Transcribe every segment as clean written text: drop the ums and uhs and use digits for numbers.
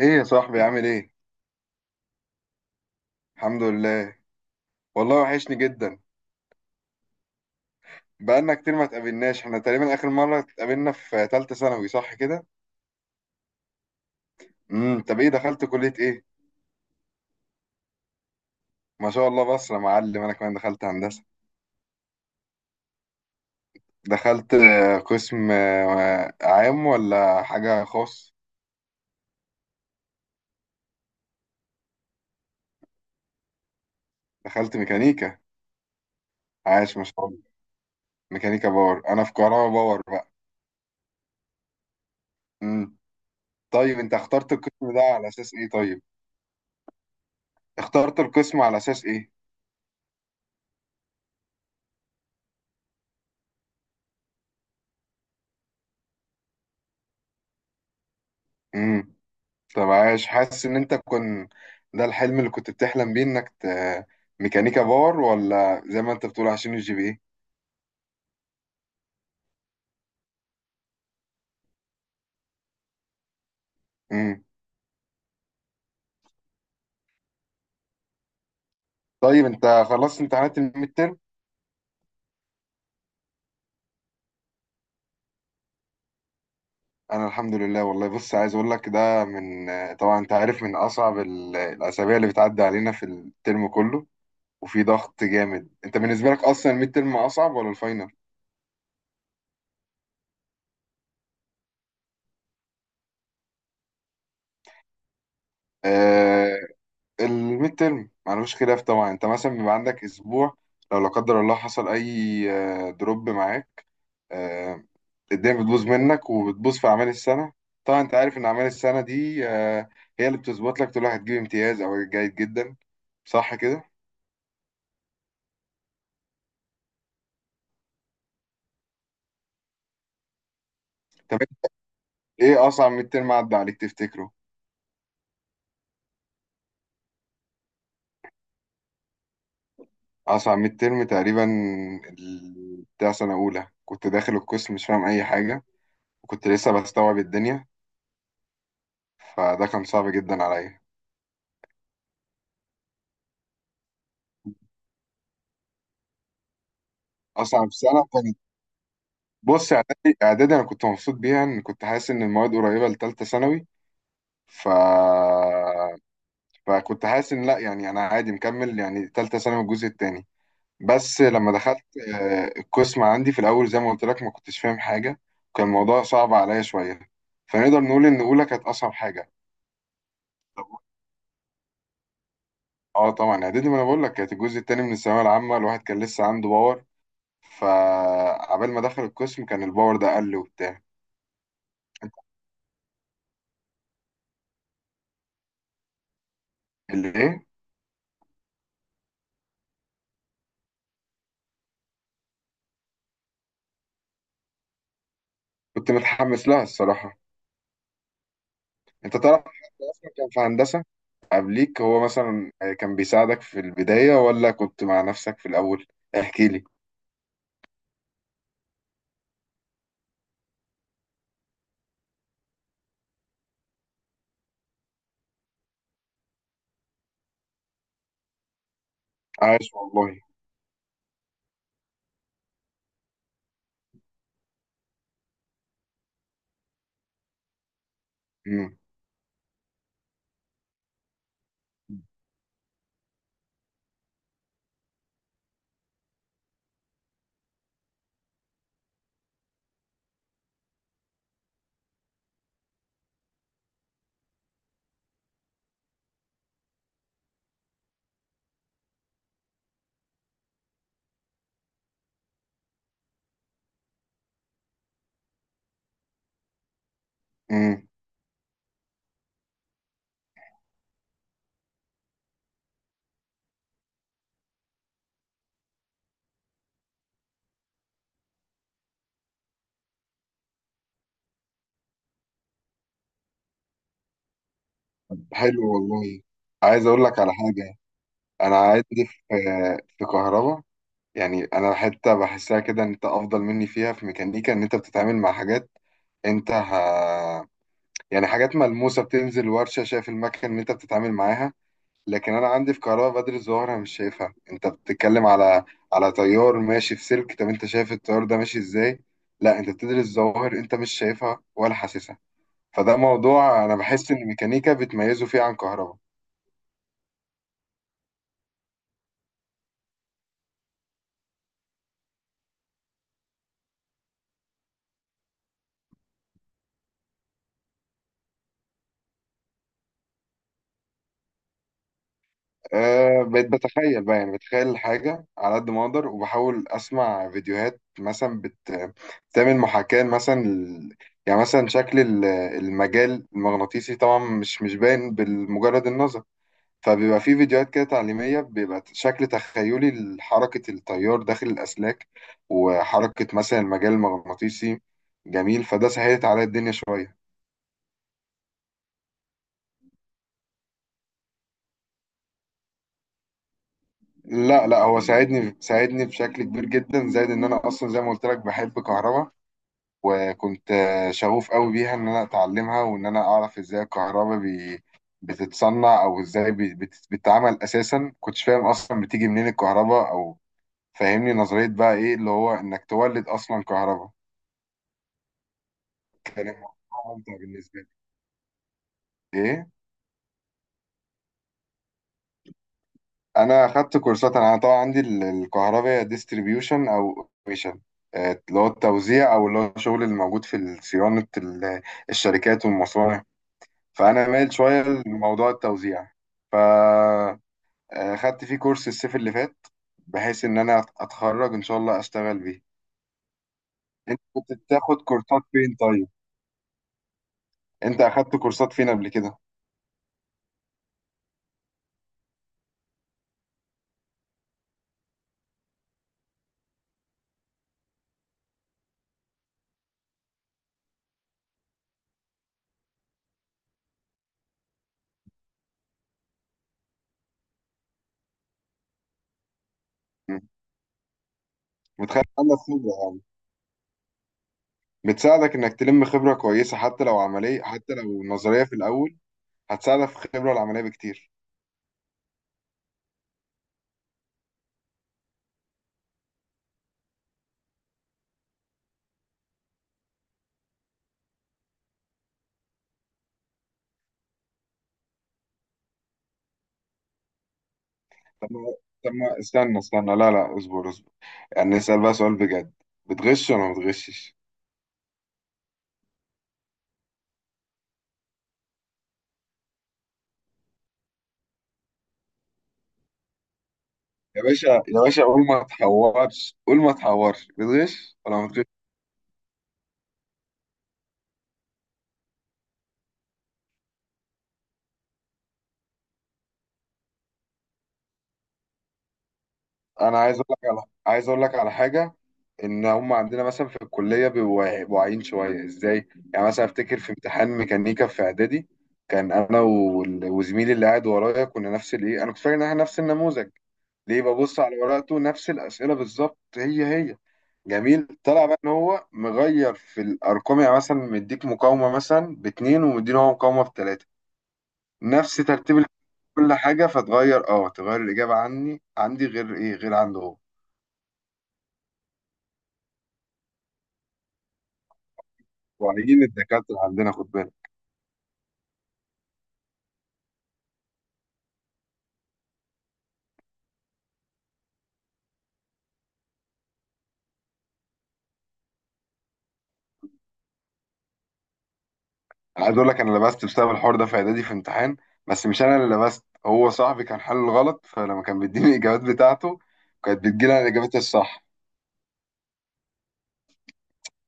ايه يا صاحبي عامل ايه؟ الحمد لله. والله وحشني جدا. بقالنا كتير ما اتقابلناش، احنا تقريبا اخر مرة اتقابلنا في تالتة ثانوي، صح كده؟ طب ايه، دخلت كلية ايه؟ ما شاء الله، بس يا معلم انا كمان دخلت هندسة. دخلت قسم عام ولا حاجة خاص؟ دخلت ميكانيكا. عاش ما شاء الله. ميكانيكا باور، انا في كهرباء باور بقى. امم طيب انت اخترت القسم ده على اساس ايه طيب؟ اخترت القسم على اساس ايه؟ امم طب عايش، حاسس ان انت كن، ده الحلم اللي كنت بتحلم بيه انك ميكانيكا باور، ولا زي ما انت بتقول عشان الـGPA؟ امم طيب انت خلصت امتحانات الميد ترم. انا الحمد لله والله. بص، عايز اقول لك ده من، طبعا انت عارف، من اصعب الاسابيع اللي بتعدي علينا في الترم كله، وفي ضغط جامد. انت بالنسبه لك اصلا الميد ترم اصعب ولا الفاينل؟ آه الميد ترم معلوش، خلاف طبعا انت مثلا بيبقى عندك اسبوع، لو لا قدر الله حصل اي دروب معاك، آه، الدنيا بتبوظ منك وبتبوظ في أعمال السنة. طبعا أنت عارف إن أعمال السنة دي هي اللي بتظبط لك، تقول واحد هتجيب امتياز أو جيد جدا، صح كده؟ طب إيه أصعب ميد ترم عدى عليك تفتكره؟ أصعب ميد ترم تقريبا، بتاع سنة أولى، كنت داخل القسم مش فاهم أي حاجة، وكنت لسه بستوعب الدنيا، فده كان صعب جدا عليا. أصعب سنة كانت، بص، إعدادي إعدادي أنا كنت مبسوط بيها، إن كنت حاسس إن المواد قريبة لتالتة ثانوي. ف فكنت حاسس ان لا، يعني انا عادي مكمل، يعني تالتة ثانوي الجزء التاني. بس لما دخلت القسم عندي في الاول، زي ما قلت لك ما كنتش فاهم حاجة، وكان الموضوع صعب عليا شوية، فنقدر نقول ان اولى كانت اصعب حاجة. طب- اه، طبعا اعدادي، ما انا بقول لك، كانت الجزء التاني من الثانوية العامة، الواحد كان لسه عنده باور، فعبال ما دخل القسم كان الباور ده قل وبتاع. اللي ايه؟ كنت متحمس لها الصراحة. انت تعرف حد اصلا كان في هندسة قبليك، هو مثلا كان بيساعدك في البداية ولا كنت مع نفسك في الأول؟ احكي لي. عايش والله. امم امم حلو والله. عايز اقول لك على حاجة، انا عندي في كهرباء، يعني انا حتة بحسها كده، ان انت افضل مني فيها، في ميكانيكا ان انت بتتعامل مع حاجات، انت يعني حاجات ملموسة، بتنزل ورشة شايف المكنة اللي انت بتتعامل معاها. لكن انا عندي في كهرباء بدر الظهر انا مش شايفها، انت بتتكلم على تيار ماشي في سلك، طب انت شايف التيار ده ماشي ازاي؟ لا انت بتدرس ظواهر انت مش شايفها ولا حاسسها، فده موضوع انا بحس ان الميكانيكا بتميزه فيه عن كهرباء. بقيت بتخيل بقى، يعني بتخيل الحاجة على قد ما اقدر، وبحاول اسمع فيديوهات مثلا بتعمل محاكاة، مثلا يعني مثلا شكل المجال المغناطيسي طبعا مش باين بالمجرد النظر، فبيبقى في فيديوهات كده تعليمية، بيبقى شكل تخيلي لحركة التيار داخل الأسلاك، وحركة مثلا المجال المغناطيسي، جميل، فده سهلت عليا الدنيا شوية. لا لا، هو ساعدني ساعدني بشكل كبير جدا، زائد إن أنا أصلا زي ما قلت لك بحب كهربا، وكنت شغوف قوي بيها، إن أنا أتعلمها وإن أنا أعرف إزاي الكهربا بتتصنع، أو إزاي بتتعمل أساسا، كنتش فاهم أصلا بتيجي منين الكهربا أو، فاهمني؟ نظرية بقى، إيه اللي هو، إنك تولد أصلا كهربا. كان الموضوع ممتع بالنسبه لي. ايه؟ انا اخدت كورسات. انا طبعا عندي الكهرباء ديستريبيوشن او اوبريشن، اللي هو التوزيع، او اللي هو الشغل اللي موجود في صيانه الشركات والمصانع. فانا مايل شويه لموضوع التوزيع، فاخدت فيه كورس الصيف اللي فات، بحيث ان انا اتخرج ان شاء الله اشتغل بيه. انت كنت بتاخد كورسات فين طيب؟ انت اخدت كورسات فين قبل كده؟ متخيل انا. بتساعدك انك تلم خبره كويسه، حتى لو عمليه حتى لو نظريه في الاول، هتساعدك في الخبره العمليه بكتير. طب ما طب ما استنى استنى، لا لا اصبر اصبر، يعني نسال بقى سؤال بجد، بتغش ولا ما بتغشش؟ يا باشا يا باشا، قول ما تحورش قول ما تحورش، بتغش ولا ما بتغش؟ انا عايز اقول لك على حاجه، ان هم عندنا مثلا في الكليه بيبقوا واعيين شويه. ازاي؟ يعني مثلا افتكر في امتحان ميكانيكا في اعدادي، كان انا وزميلي اللي قاعد ورايا كنا نفس الايه، انا كنت فاكر ان احنا نفس النموذج، ليه؟ ببص على ورقته نفس الاسئله بالظبط، هي هي، جميل، طلع بقى ان هو مغير في الارقام، يعني مثلا مديك مقاومه مثلا باتنين، ومديني هو مقاومه بتلاته، نفس ترتيب كل حاجه، فتغير. اه، تغير الاجابه، عني عندي غير ايه غير عنده هو. واعيين الدكاترة عندنا، خد بالك. أنا عايز أقول لك، أنا لبست بسبب الحوار ده، في إعدادي في امتحان، بس مش أنا اللي لبست، هو صاحبي كان حل غلط، فلما كان بيديني الإجابات بتاعته، كانت بتجيلي أنا إجابتي الصح.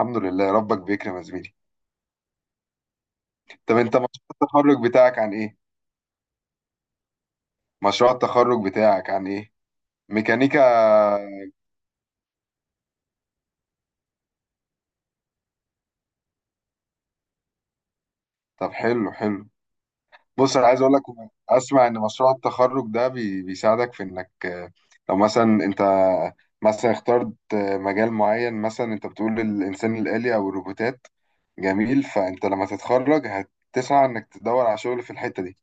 الحمد لله ربك بيكرم يا زميلي. طب أنت، مشروع التخرج بتاعك عن إيه؟ مشروع التخرج بتاعك عن إيه؟ ميكانيكا؟ طب حلو حلو. بص انا عايز اقول لك، اسمع، ان مشروع التخرج ده بيساعدك في انك لو مثلا انت، مثلا اخترت مجال معين، مثلا انت بتقول الانسان الآلي او الروبوتات، جميل، فانت لما تتخرج هتسعى انك تدور على شغل في الحتة دي.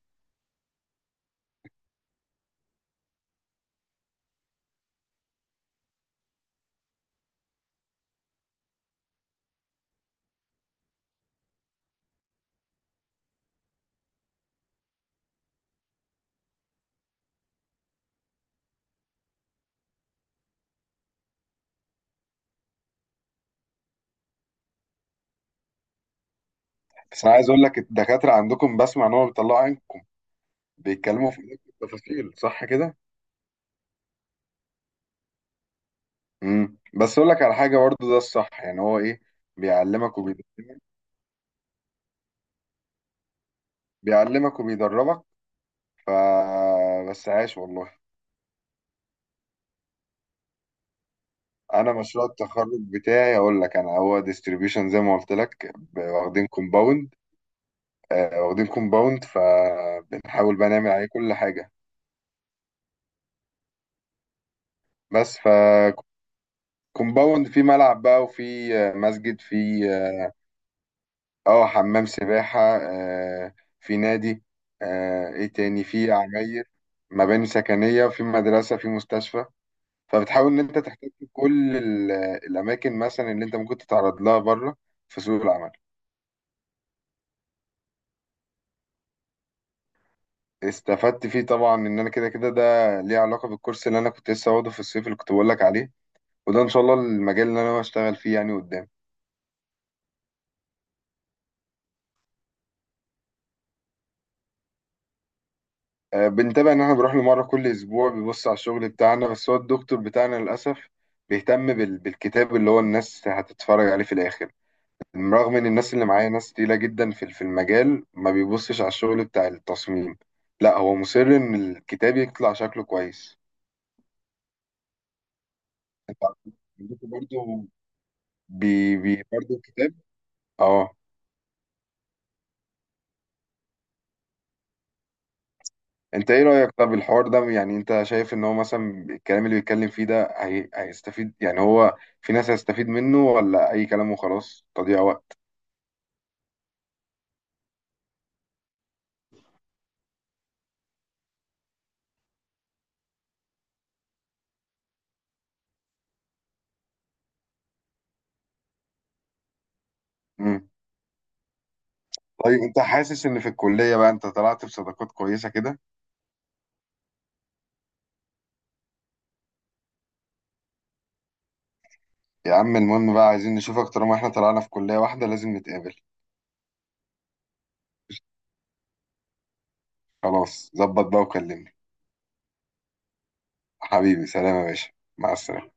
بس انا عايز اقول لك، الدكاترة عندكم بسمع ان هم بيطلعوا عينكم، بيتكلموا في التفاصيل، صح كده؟ بس اقول لك على حاجة برضو، ده الصح، يعني هو ايه، بيعلمك وبيدربك، بيعلمك وبيدربك، ف بس عاش والله. انا مشروع التخرج بتاعي اقول لك، انا هو ديستريبيوشن زي ما قلت لك، واخدين كومباوند فبنحاول بقى نعمل عليه كل حاجه، بس. كومباوند فيه ملعب بقى، وفي مسجد، في اه، اه، حمام سباحه، في نادي، ايه تاني، في عماير، مباني سكنيه، وفي مدرسه، في مستشفى، فبتحاول ان انت تحتك بكل الاماكن مثلا اللي انت ممكن تتعرض لها بره في سوق العمل. استفدت فيه طبعا، ان انا كده كده ده ليه علاقه بالكورس اللي انا كنت لسه واخده في الصيف، اللي كنت بقول لك عليه، وده ان شاء الله المجال اللي انا بشتغل فيه يعني قدام. بنتابع، ان احنا بنروح له مره كل اسبوع بيبص على الشغل بتاعنا، بس هو الدكتور بتاعنا للاسف بيهتم بالكتاب، اللي هو الناس هتتفرج عليه في الاخر، رغم ان الناس اللي معايا ناس تقيله جدا في المجال، ما بيبصش على الشغل بتاع التصميم، لا هو مصر ان الكتاب يطلع شكله كويس. انت عندكم برضه، بي بي برضه الكتاب. اه. انت ايه رأيك طب، الحوار ده، يعني انت شايف ان هو مثلا الكلام اللي بيتكلم فيه ده هيستفيد، يعني هو في ناس هيستفيد منه، ولا اي كلام وخلاص تضييع وقت؟ امم طيب انت حاسس ان في الكلية بقى انت طلعت بصداقات كويسة كده؟ يا عم المهم بقى، عايزين نشوفك، طالما احنا طلعنا في كلية واحدة لازم نتقابل. خلاص ظبط بقى وكلمني. حبيبي سلام يا باشا، مع السلامة.